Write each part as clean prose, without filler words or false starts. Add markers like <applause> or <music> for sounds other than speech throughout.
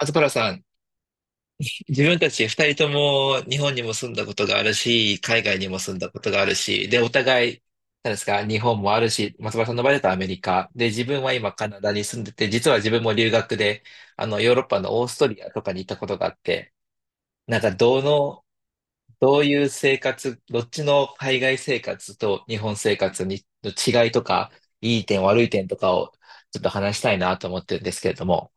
松原さん、自分たち二人とも日本にも住んだことがあるし、海外にも住んだことがあるし、で、お互い、何ですか、日本もあるし、松原さんの場合だとアメリカ。で、自分は今カナダに住んでて、実は自分も留学で、ヨーロッパのオーストリアとかに行ったことがあって、なんか、どういう生活、どっちの海外生活と日本生活にの違いとか、いい点、悪い点とかをちょっと話したいなと思ってるんですけれども。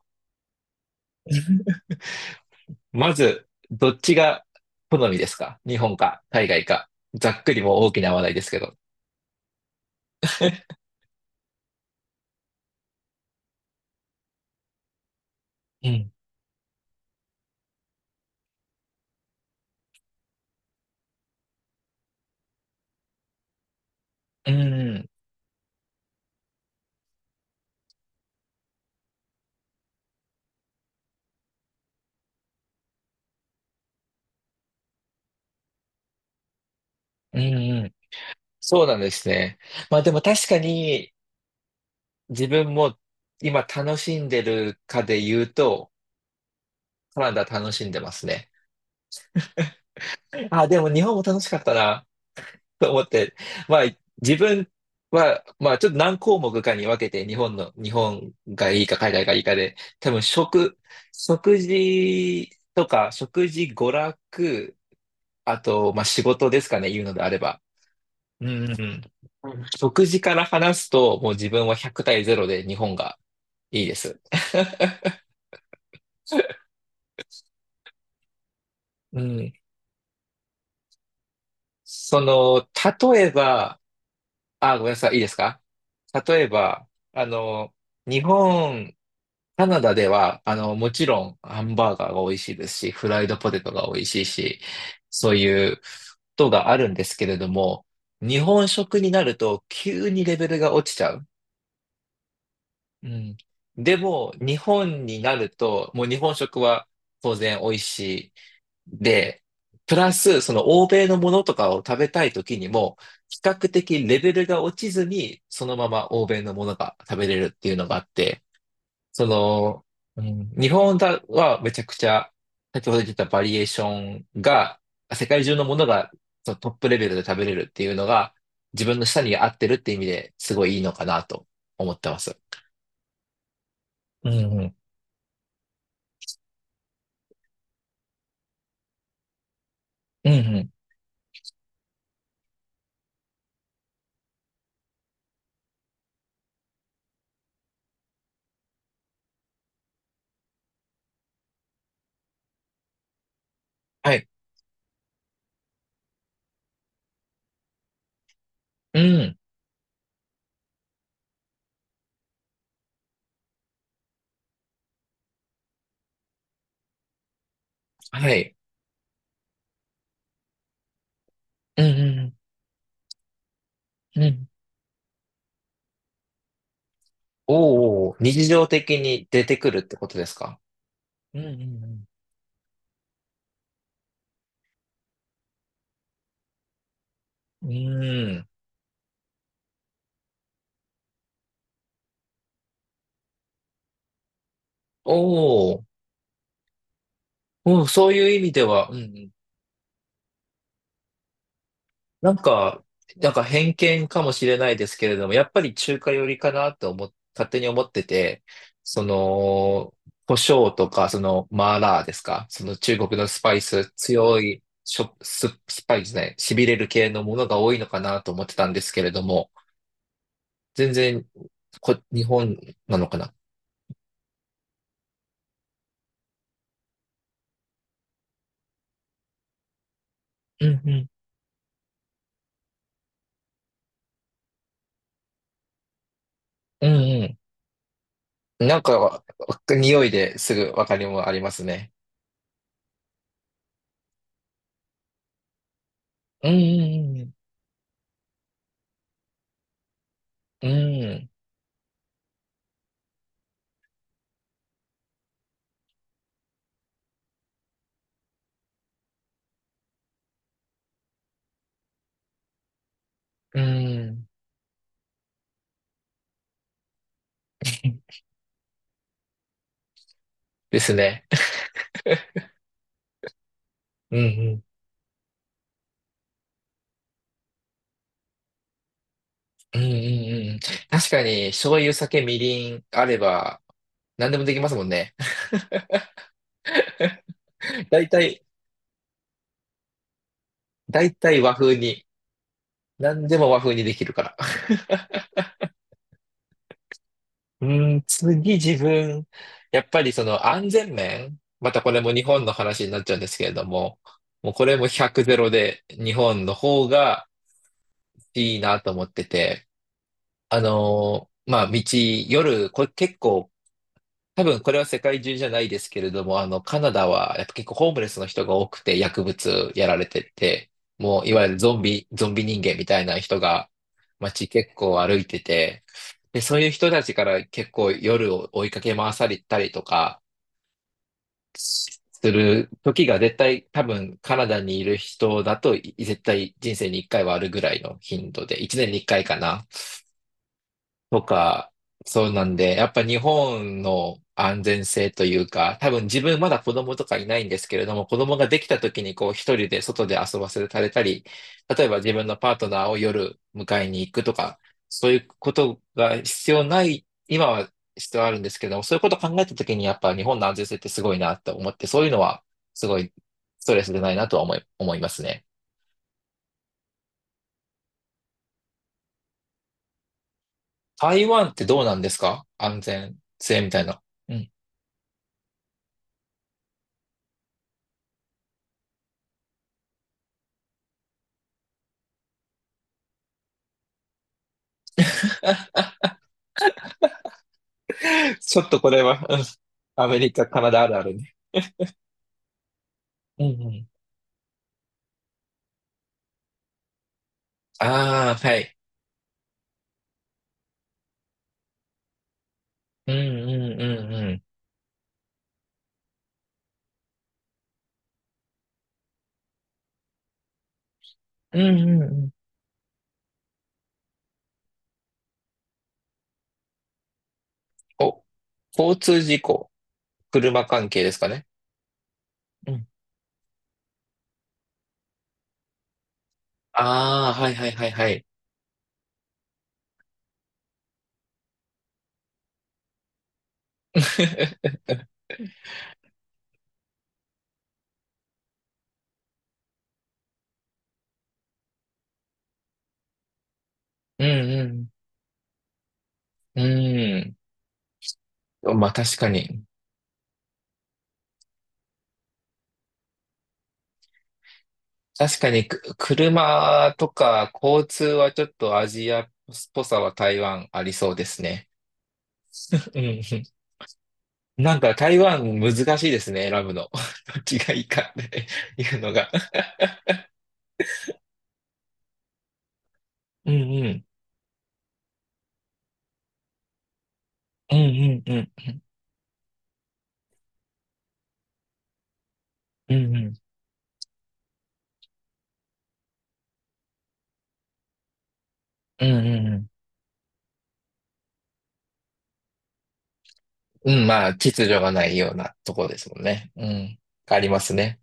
まず、どっちが好みですか、日本か海外か？ざっくりもう大きな話題ですけど。うん。うん。うん。そうなんですね。まあでも確かに自分も今楽しんでるかで言うと、カナダ楽しんでますね。あ、でも日本も楽しかったな。と思って、まあ、自分は、まあ、ちょっと何項目かに分けて、日本がいいか海外がいいかで、多分食事とか、食事、娯楽、あと、まあ、仕事ですかね、言うのであれば。うんうんうん。食事から話すと、もう自分は100対0で日本がいいです。うん。<laughs> その、例えば、あ、ごめんなさい。いいですか？例えば、あの、日本、カナダでは、もちろんハンバーガーが美味しいですし、フライドポテトが美味しいし、そういうことがあるんですけれども、日本食になると急にレベルが落ちちゃう。うん。でも、日本になると、もう日本食は当然美味しい。で、プラス、その欧米のものとかを食べたい時にも、比較的レベルが落ちずに、そのまま欧米のものが食べれるっていうのがあって、その、うん、日本だはめちゃくちゃ、先ほど言ったバリエーションが、世界中のものがそのトップレベルで食べれるっていうのが、自分の舌に合ってるって意味ですごいいいのかなと思ってます。うんうん。うんうん。はい。うん。はい。うんうん。うんうん。おお、日常的に出てくるってことですか？うんうんうん。うーん。おお、うん、そういう意味では、うんうん。なんか、偏見かもしれないですけれども、やっぱり中華寄りかなって勝手に思ってて、その、胡椒とか、マーラーですか、その中国のスパイス、強い、しょ、ス、スパイスね、痺れる系のものが多いのかなと思ってたんですけれども、全然日本なのかな。うんうん。うん、なんか、匂いですぐわかりもありますね。うん、うん、うん、うん。ですね。うん、うん、うん、うん、うんうん。確かに、醤油、酒、みりんあれば、何でもできますもんね。<laughs> 大体、大体和風に、何でも和風にできるから。うーん、次自分、やっぱりその安全面、またこれも日本の話になっちゃうんですけれども、もうこれも100ゼロで日本の方がいいなと思ってて、まあ、夜、これ結構、多分これは世界中じゃないですけれども、カナダはやっぱ結構ホームレスの人が多くて、薬物やられてて、もういわゆるゾンビ人間みたいな人が街結構歩いてて、で、そういう人たちから結構夜を追いかけ回されたりとかする時が絶対多分カナダにいる人だと絶対人生に一回はあるぐらいの頻度で、一年に一回かいかな。とか、そうなんで、やっぱ日本の安全性というか、多分自分まだ子供とかいないんですけれども、子供ができた時にこう一人で外で遊ばせられたり、例えば自分のパートナーを夜迎えに行くとか、そういうことが必要ない、今は必要あるんですけども、そういうことを考えた時にやっぱ日本の安全性ってすごいなと思って、そういうのはすごいストレスでないなとは思いますね。台湾ってどうなんですか、安全性みたいな？うん。<laughs> <laughs> ちょっとこれは、うん、アメリカ、カナダあるあるね。うんうん。ああ、はい。うんうんうんうん。うんうんうん。お、交通事故、車関係ですかね？うん。ああ、はいはいはいはい。<laughs> うんうん。うん。まあ確かに。確かに、車とか交通はちょっとアジアっぽさは台湾ありそうですね。うんうん。なんか台湾難しいですね、選ぶの。<laughs> どっちがいいかっていうのが。うんうん。うんうんうん。うんうん。うんうんうん。うん、まあ、秩序がないようなとこですもんね。うん。ありますね。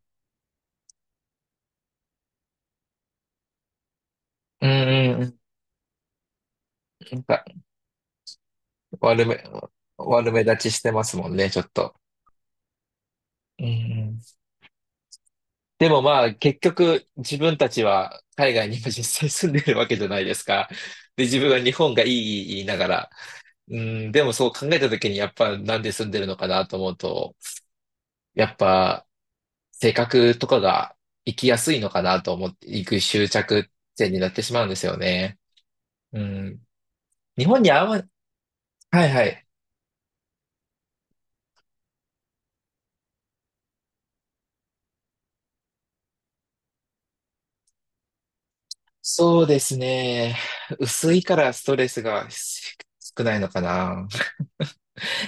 うんうんうん。なんか、悪め、悪目立ちしてますもんね、ちょっと。うんうん。でもまあ、結局、自分たちは海外にも実際住んでるわけじゃないですか。で、自分は日本がいいいい言いながら。うん、でもそう考えた時に、やっぱなんで住んでるのかなと思うと、やっぱ、性格とかが生きやすいのかなと思っていく執着点になってしまうんですよね。うん。日本に合わ、はいはい。そうですね。薄いからストレスが少ないのかな。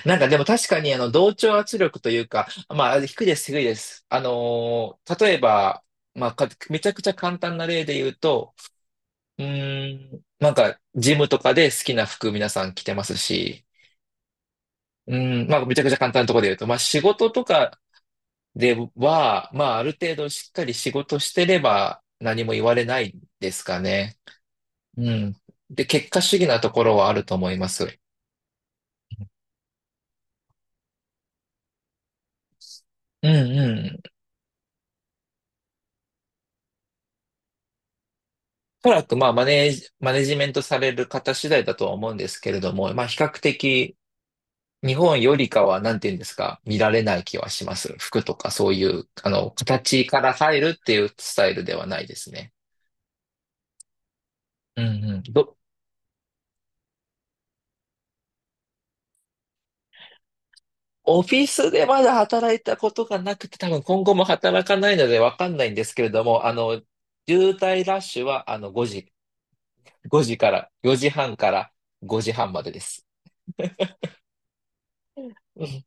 なんかでも確かに同調圧力というか、まあ低いです、低いです。例えば、まあ、めちゃくちゃ簡単な例で言うと、うーん、なんかジムとかで好きな服皆さん着てますし、うん、まあ、めちゃくちゃ簡単なところで言うと、まあ、仕事とかでは、まあ、ある程度しっかり仕事してれば何も言われないですかね。うん。で、結果主義なところはあると思います。うんうん。おそらく、まあ、マネジメントされる方次第だとは思うんですけれども、まあ、比較的、日本よりかは、なんていうんですか、見られない気はします。服とかそういう、形から入るっていうスタイルではないですね。うんうん。オフィスでまだ働いたことがなくて、多分今後も働かないのでわかんないんですけれども、渋滞ラッシュは5時から、4時半から5時半までです。うん。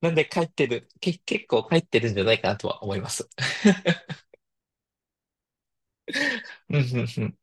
なんで帰ってる、け、結構帰ってるんじゃないかなとは思います。<laughs> うんうんうん